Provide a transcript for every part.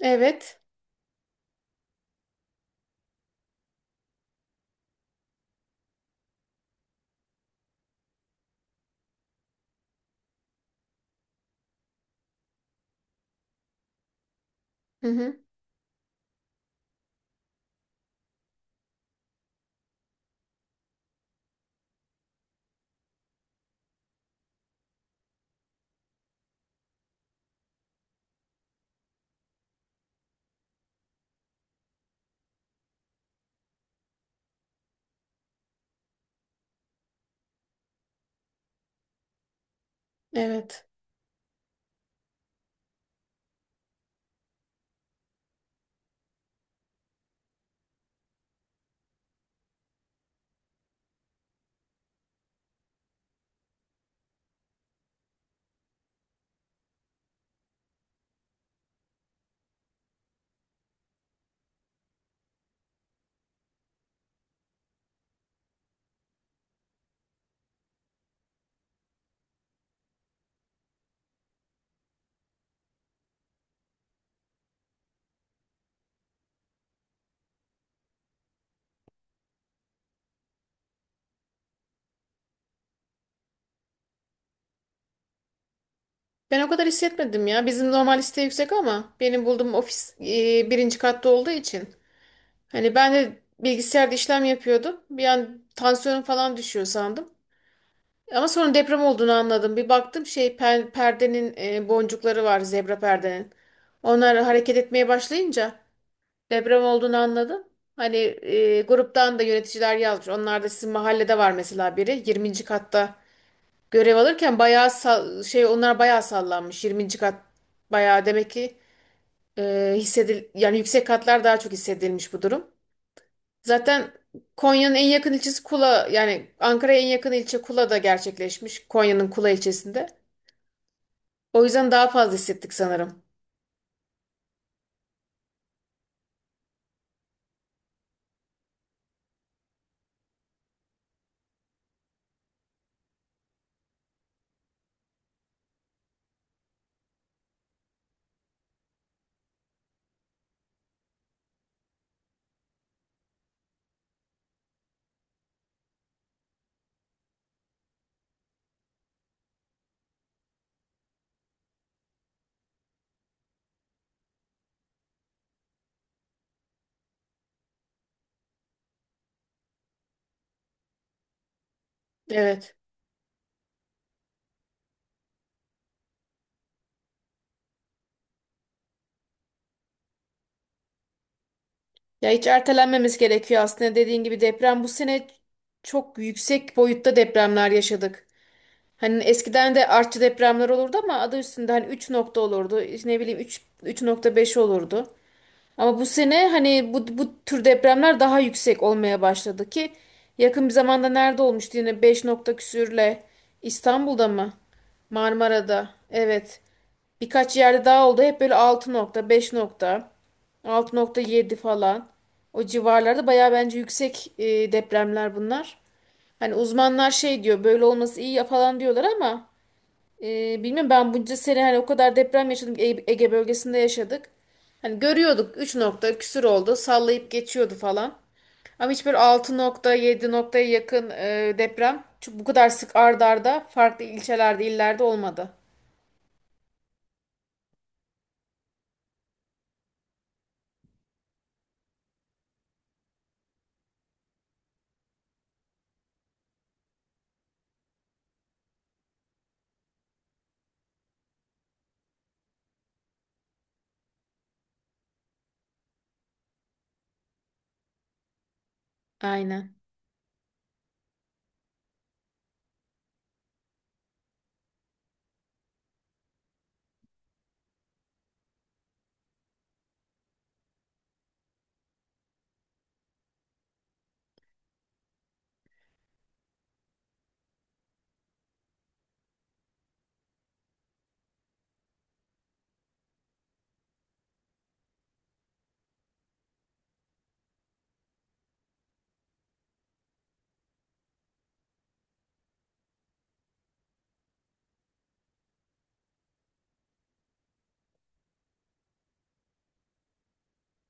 Evet. Hı hı. Evet. Ben o kadar hissetmedim ya. Bizim normal liste yüksek ama benim bulduğum ofis birinci katta olduğu için. Hani ben de bilgisayarda işlem yapıyordum. Bir an tansiyonum falan düşüyor sandım. Ama sonra deprem olduğunu anladım. Bir baktım şey perdenin boncukları var zebra perdenin. Onlar hareket etmeye başlayınca deprem olduğunu anladım. Hani gruptan da yöneticiler yazmış. Onlar da sizin mahallede var mesela biri. 20'nci katta görev alırken bayağı onlar bayağı sallanmış. 20. kat bayağı demek ki yani yüksek katlar daha çok hissedilmiş bu durum. Zaten Konya'nın en yakın ilçesi Kula yani Ankara'ya en yakın ilçe Kula'da gerçekleşmiş. Konya'nın Kula ilçesinde. O yüzden daha fazla hissettik sanırım. Evet. Ya hiç ertelenmemiz gerekiyor aslında. Dediğin gibi deprem bu sene çok yüksek boyutta depremler yaşadık. Hani eskiden de artçı depremler olurdu ama adı üstünde hani 3 nokta olurdu. İşte ne bileyim 3 3.5 olurdu. Ama bu sene hani bu tür depremler daha yüksek olmaya başladı ki yakın bir zamanda nerede olmuştu yine 5 nokta küsürle İstanbul'da mı? Marmara'da. Evet. Birkaç yerde daha oldu. Hep böyle 6 nokta, 5 nokta, 6.7 falan. O civarlarda bayağı bence yüksek depremler bunlar. Hani uzmanlar şey diyor böyle olması iyi ya falan diyorlar ama bilmiyorum ben bunca sene hani o kadar deprem yaşadık Ege bölgesinde yaşadık. Hani görüyorduk 3 nokta küsür oldu sallayıp geçiyordu falan. Ama hiç böyle 6 nokta 7 noktaya yakın deprem çok bu kadar sık ard arda farklı ilçelerde illerde olmadı. Aynen.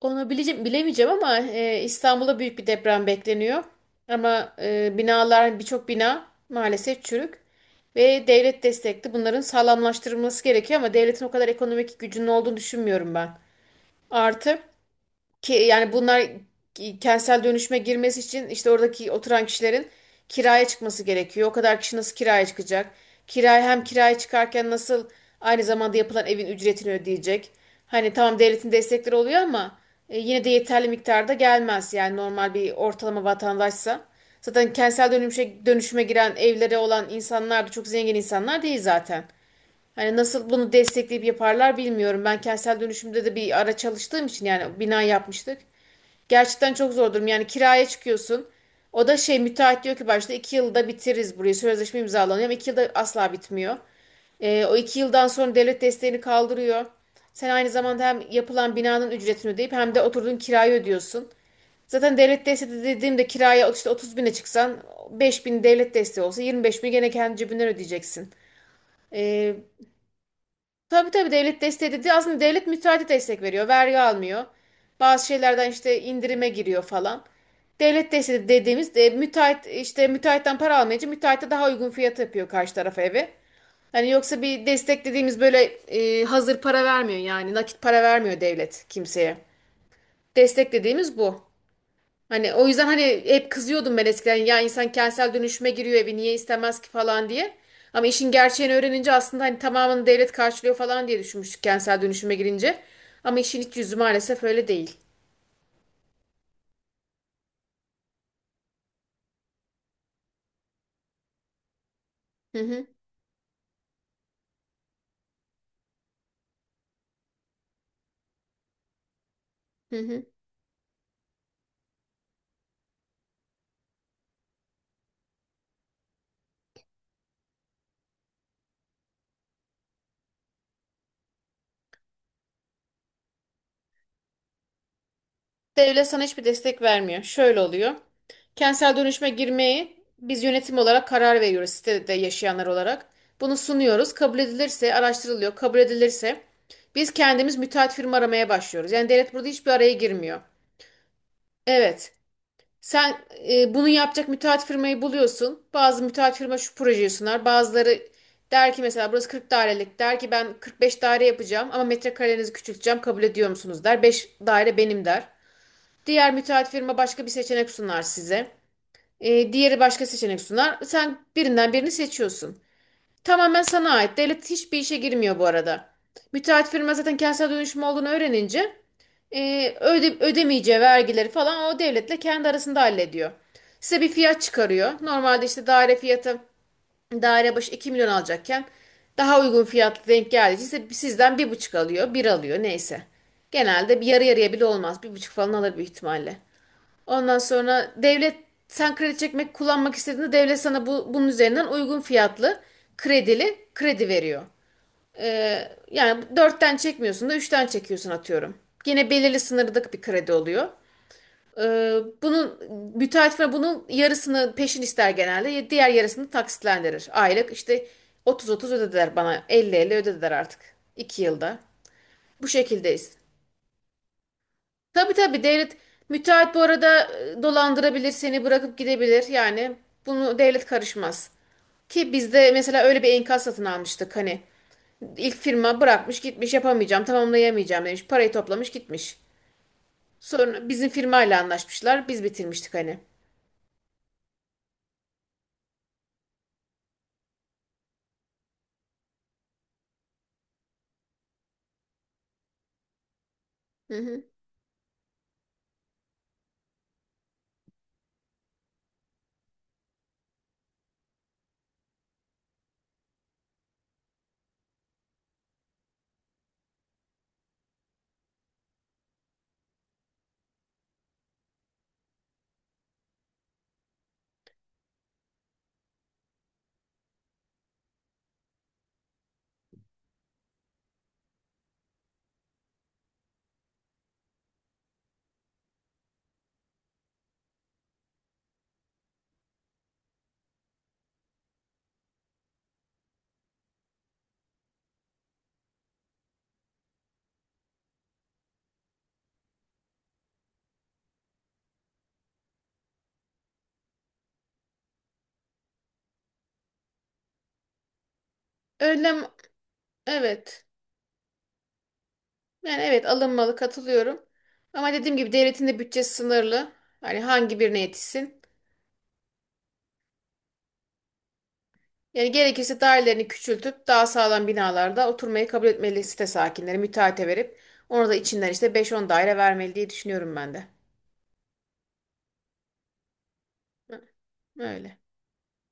Onu bileceğim, bilemeyeceğim ama İstanbul'da büyük bir deprem bekleniyor. Ama binalar hani birçok bina maalesef çürük ve devlet destekli bunların sağlamlaştırılması gerekiyor ama devletin o kadar ekonomik gücünün olduğunu düşünmüyorum ben. Artı ki yani bunlar kentsel dönüşüme girmesi için işte oradaki oturan kişilerin kiraya çıkması gerekiyor. O kadar kişi nasıl kiraya çıkacak? Hem kiraya çıkarken nasıl aynı zamanda yapılan evin ücretini ödeyecek? Hani tamam devletin destekleri oluyor ama yine de yeterli miktarda gelmez yani normal bir ortalama vatandaşsa. Zaten kentsel dönüşüme giren evlere olan insanlar da çok zengin insanlar değil zaten. Hani nasıl bunu destekleyip yaparlar bilmiyorum. Ben kentsel dönüşümde de bir ara çalıştığım için yani bina yapmıştık. Gerçekten çok zor durum. Yani kiraya çıkıyorsun. O da şey müteahhit diyor ki başta 2 yılda bitiririz burayı. Sözleşme imzalanıyor ama 2 yılda asla bitmiyor. O 2 yıldan sonra devlet desteğini kaldırıyor. Sen aynı zamanda hem yapılan binanın ücretini ödeyip hem de oturduğun kirayı ödüyorsun. Zaten devlet desteği de dediğimde kiraya işte 30 bine çıksan 5 bin devlet desteği olsa 25 bin gene kendi cebinden ödeyeceksin. Ee, Tabii tabii devlet desteği dedi. Aslında devlet müteahhite destek veriyor. Vergi almıyor. Bazı şeylerden işte indirime giriyor falan. Devlet desteği dediğimiz müteahhit işte müteahhitten para almayınca müteahhite daha uygun fiyat yapıyor karşı tarafa evi. Hani yoksa bir destek dediğimiz böyle hazır para vermiyor yani nakit para vermiyor devlet kimseye. Destek dediğimiz bu. Hani o yüzden hani hep kızıyordum ben eskiden ya insan kentsel dönüşüme giriyor evi niye istemez ki falan diye. Ama işin gerçeğini öğrenince aslında hani tamamını devlet karşılıyor falan diye düşünmüştük kentsel dönüşüme girince. Ama işin iç yüzü maalesef öyle değil. Hı hı, hı hı. Devlet sana hiçbir destek vermiyor. Şöyle oluyor. Kentsel dönüşüme girmeyi biz yönetim olarak karar veriyoruz sitede yaşayanlar olarak. Bunu sunuyoruz. Kabul edilirse araştırılıyor. Kabul edilirse biz kendimiz müteahhit firma aramaya başlıyoruz. Yani devlet burada hiçbir araya girmiyor. Evet. Sen bunu yapacak müteahhit firmayı buluyorsun. Bazı müteahhit firma şu projeyi sunar. Bazıları der ki mesela burası 40 dairelik. Der ki ben 45 daire yapacağım ama metrekarelerinizi küçülteceğim. Kabul ediyor musunuz der. 5 daire benim der. Diğer müteahhit firma başka bir seçenek sunar size. Diğeri başka seçenek sunar. Sen birinden birini seçiyorsun. Tamamen sana ait. Devlet hiçbir işe girmiyor bu arada. Müteahhit firma zaten kentsel dönüşüm olduğunu öğrenince ödemeyeceği vergileri falan o devletle kendi arasında hallediyor. Size bir fiyat çıkarıyor. Normalde işte daire fiyatı daire başı 2 milyon alacakken daha uygun fiyat denk geldiği için sizden bir buçuk alıyor, bir alıyor neyse. Genelde bir yarı yarıya bile olmaz. 1,5 falan alır büyük ihtimalle. Ondan sonra devlet sen kredi çekmek kullanmak istediğinde devlet sana bunun üzerinden uygun fiyatlı kredili kredi veriyor. Yani dörtten çekmiyorsun da üçten çekiyorsun atıyorum. Yine belirli sınırlık bir kredi oluyor. Bunun müteahhit firma bunun yarısını peşin ister genelde. Diğer yarısını taksitlendirir. Aylık işte 30-30 ödediler bana. 50-50 ödediler artık. 2 yılda. Bu şekildeyiz. Tabii tabii devlet müteahhit bu arada dolandırabilir seni bırakıp gidebilir. Yani bunu devlet karışmaz. Ki bizde mesela öyle bir enkaz satın almıştık hani. İlk firma bırakmış gitmiş yapamayacağım tamamlayamayacağım demiş. Parayı toplamış gitmiş. Sonra bizim firmayla anlaşmışlar. Biz bitirmiştik hani. Hı hı. Önlem evet. Yani evet alınmalı katılıyorum. Ama dediğim gibi devletin de bütçesi sınırlı. Hani hangi birine yetişsin. Yani gerekirse dairelerini küçültüp daha sağlam binalarda oturmayı kabul etmeli site sakinleri müteahhite verip ona da içinden işte beş on daire vermeli diye düşünüyorum ben de. Hı. Öyle.